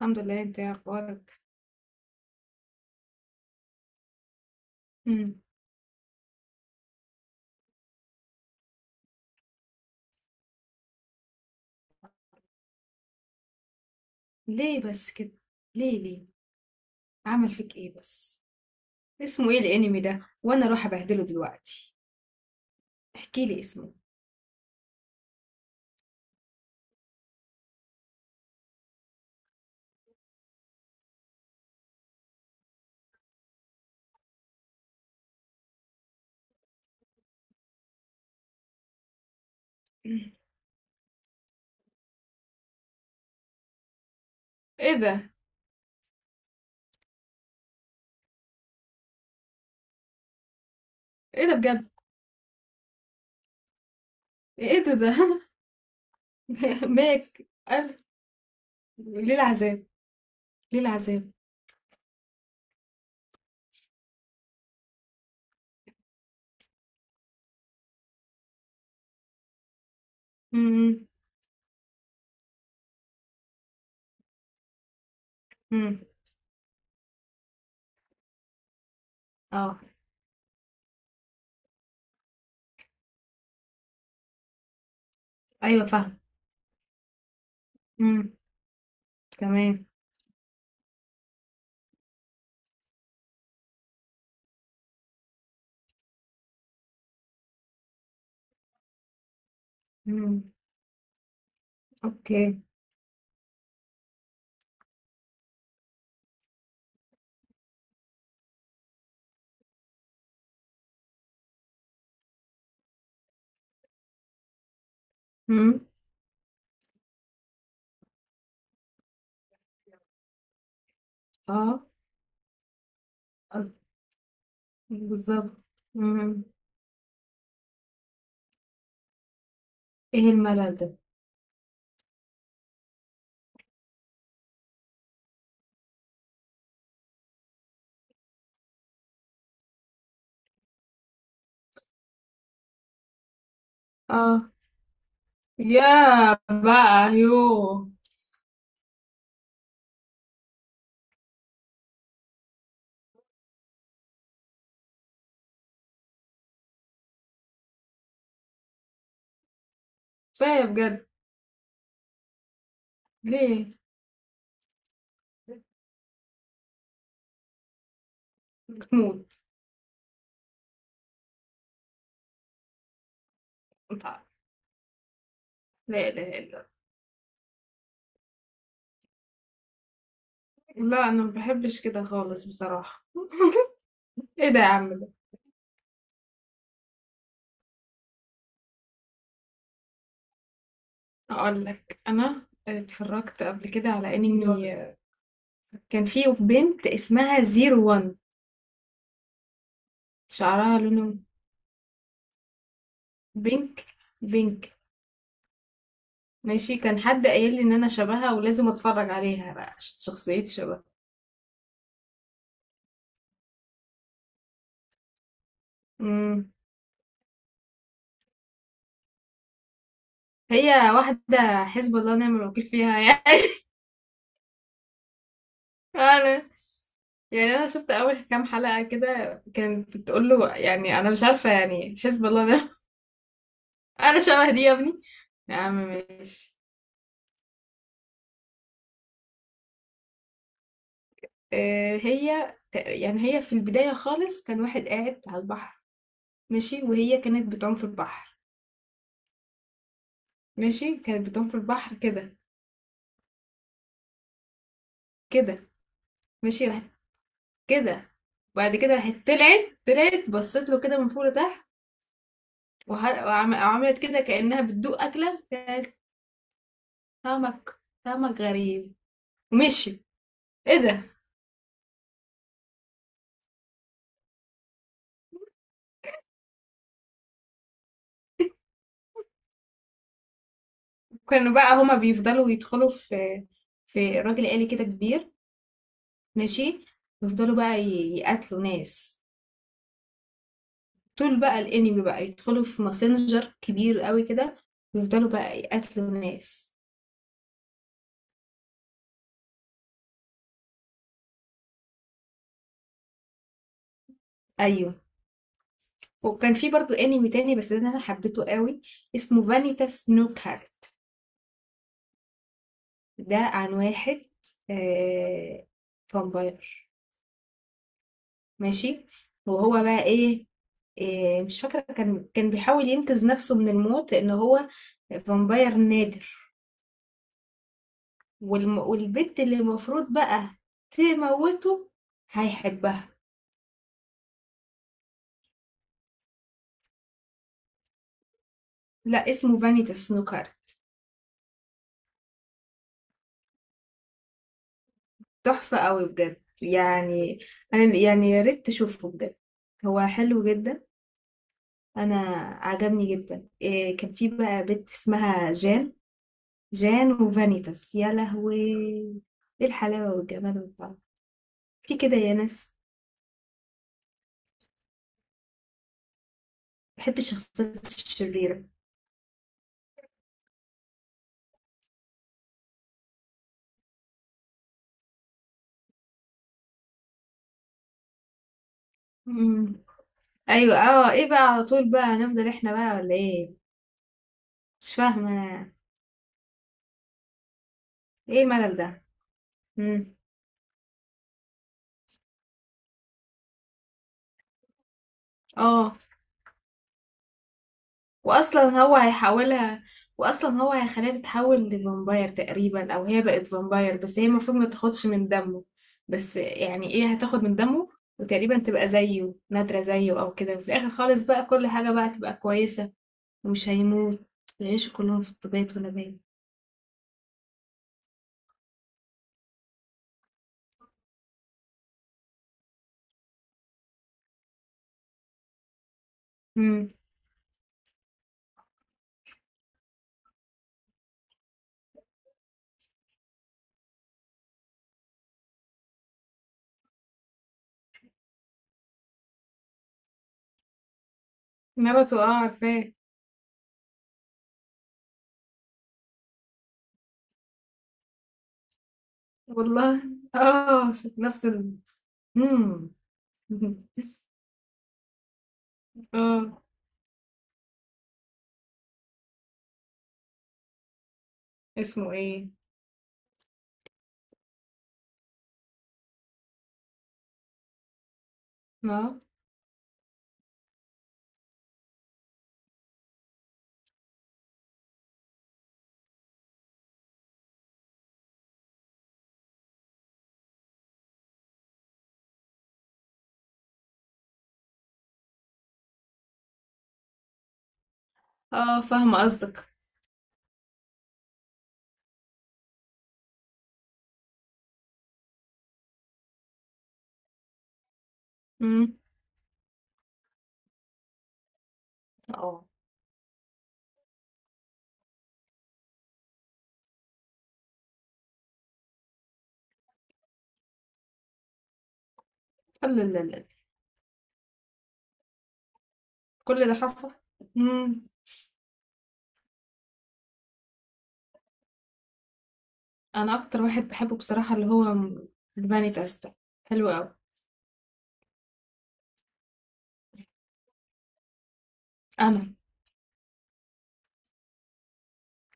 الحمد لله، انت ايه اخبارك؟ امم. ليه بس كده؟ ليه ليه عمل فيك ايه بس؟ اسمه ايه الانمي ده؟ وانا اروح ابهدله دلوقتي. احكي لي اسمه. مم. ايه ده؟ ايه ده بجد؟ ايه ده؟ ماك قال. ليه العذاب؟ ليه العذاب؟ إمم. آه. أيوه فاهمة. إمم. تمام. إمم. أوكي. إمم. آه. آه. بالضبط. إمم. إيه الملل ده؟ آه. ياه بقى، يوه! كفاية بجد. ليه؟ بتموت. اتع لا إله إلا الله، لا أنا ما باحبش كده خالص بصراحة. إيه ده يا عم ده؟ هاقول لك، أنا اتفرّجت قبل كده على أنمي. كان في بنت اسمها zero one، شعرها لونه بينك، بينك. ماشي، كان حد قايل لي ان انا شبهها ولازم اتفرج عليها بقى عشان شخصيتي شبهها. امم. هي واحده حسب الله ونعم الوكيل فيها يعني. انا انا شفت اول كام حلقه كده، كانت بتقول له يعني انا مش عارفه يعني حسب الله ونعم. انا شبه دي يا ابني. يا عم ماشي. آه. يعني هي في البدايه خالص، كان واحد قاعد على البحر. ماشي، وهي كانت بتعوم في البحر. ماشي كانت بتعوم في البحر كده. كده ماشي كده. وبعد كده طلعت بصيت له كده من فوق لتحت، وعملت كده كأنها بتدوق أكلة. قالت طعمك، طعمك غريب ومشي. ايه ده؟ كانوا بقى هما بيفضلوا يدخلوا في راجل آلي كده كبير. ماشي، يفضلوا بقى يقتلوا ناس. طول بقى الانمي بقى يدخلوا في ماسنجر كبير قوي كده، ويفضلوا بقى يقتلوا ناس. ايوه. وكان في برضو انمي تاني بس ده انا حبيته قوي، اسمه فانيتا سنوكر. ده عن واحد، آه، فامباير. ماشي. وهو بقى ايه؟ آه، مش فاكرة، كان بيحاول ينقذ نفسه من الموت لأن هو فامباير نادر. والبنت اللي المفروض بقى تموته هيحبها. لا، اسمه فانيتا سنوكر. تحفة قوي بجد يعني. أنا يعني يا ريت تشوفه بجد، هو حلو جدا. أنا عجبني جدا. إيه، كان في بقى بنت اسمها جان. جان وفانيتاس يا لهوي، ايه الحلاوة والجمال والطعم! في كده يا ناس. بحب الشخصيات الشريرة. مم. ايوه، اه، ايه بقى، على طول بقى هنفضل احنا بقى ولا ايه؟ مش فاهمة أنا. ايه الملل ده؟ مم. اه. واصلا هو هيحولها، واصلا هو هيخليها تتحول لفامباير تقريبا، او هي بقت فامباير بس هي المفروض ما تاخدش من دمه. بس يعني ايه، هتاخد من دمه، وتقريبا تبقى زيه نادرة زيه او كده، وفي الاخر خالص بقى كل حاجة بقى تبقى كويسة، ومش هيموت، ويعيشوا كلهم في طبيعة ونبات. امم. ناروتو، اه عارفاه. والله. اه شوف نفس ال مم. اه. اسمه ايه؟ اه اه فاهمة قصدك. امم. اه. لا لا لا لا. كل ده حصل. امم. انا اكتر واحد بحبه بصراحة اللي هو الباني تاستا، حلو قوي. انا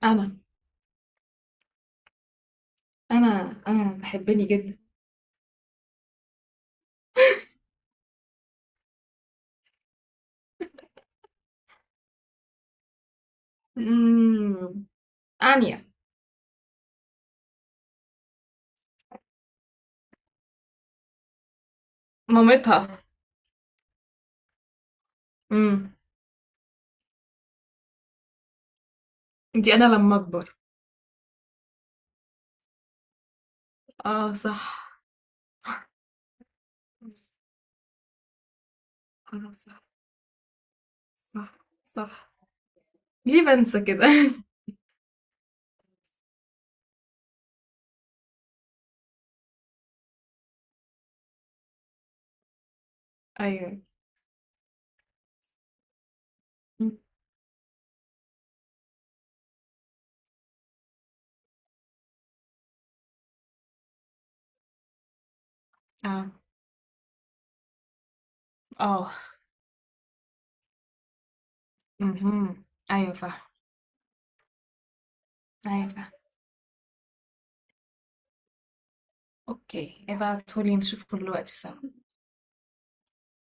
انا انا بحبني جدا. امم. انيا، مامتها. امم. دي انا لما اكبر. آه صح. آه صح، صح، صح. ليه بنسى كده؟ أيوه. مم. آه آه. مهم. أيوه فاهم. أيوه فاهم. أوكي، ابعتهولي نشوفه دلوقتي سوا.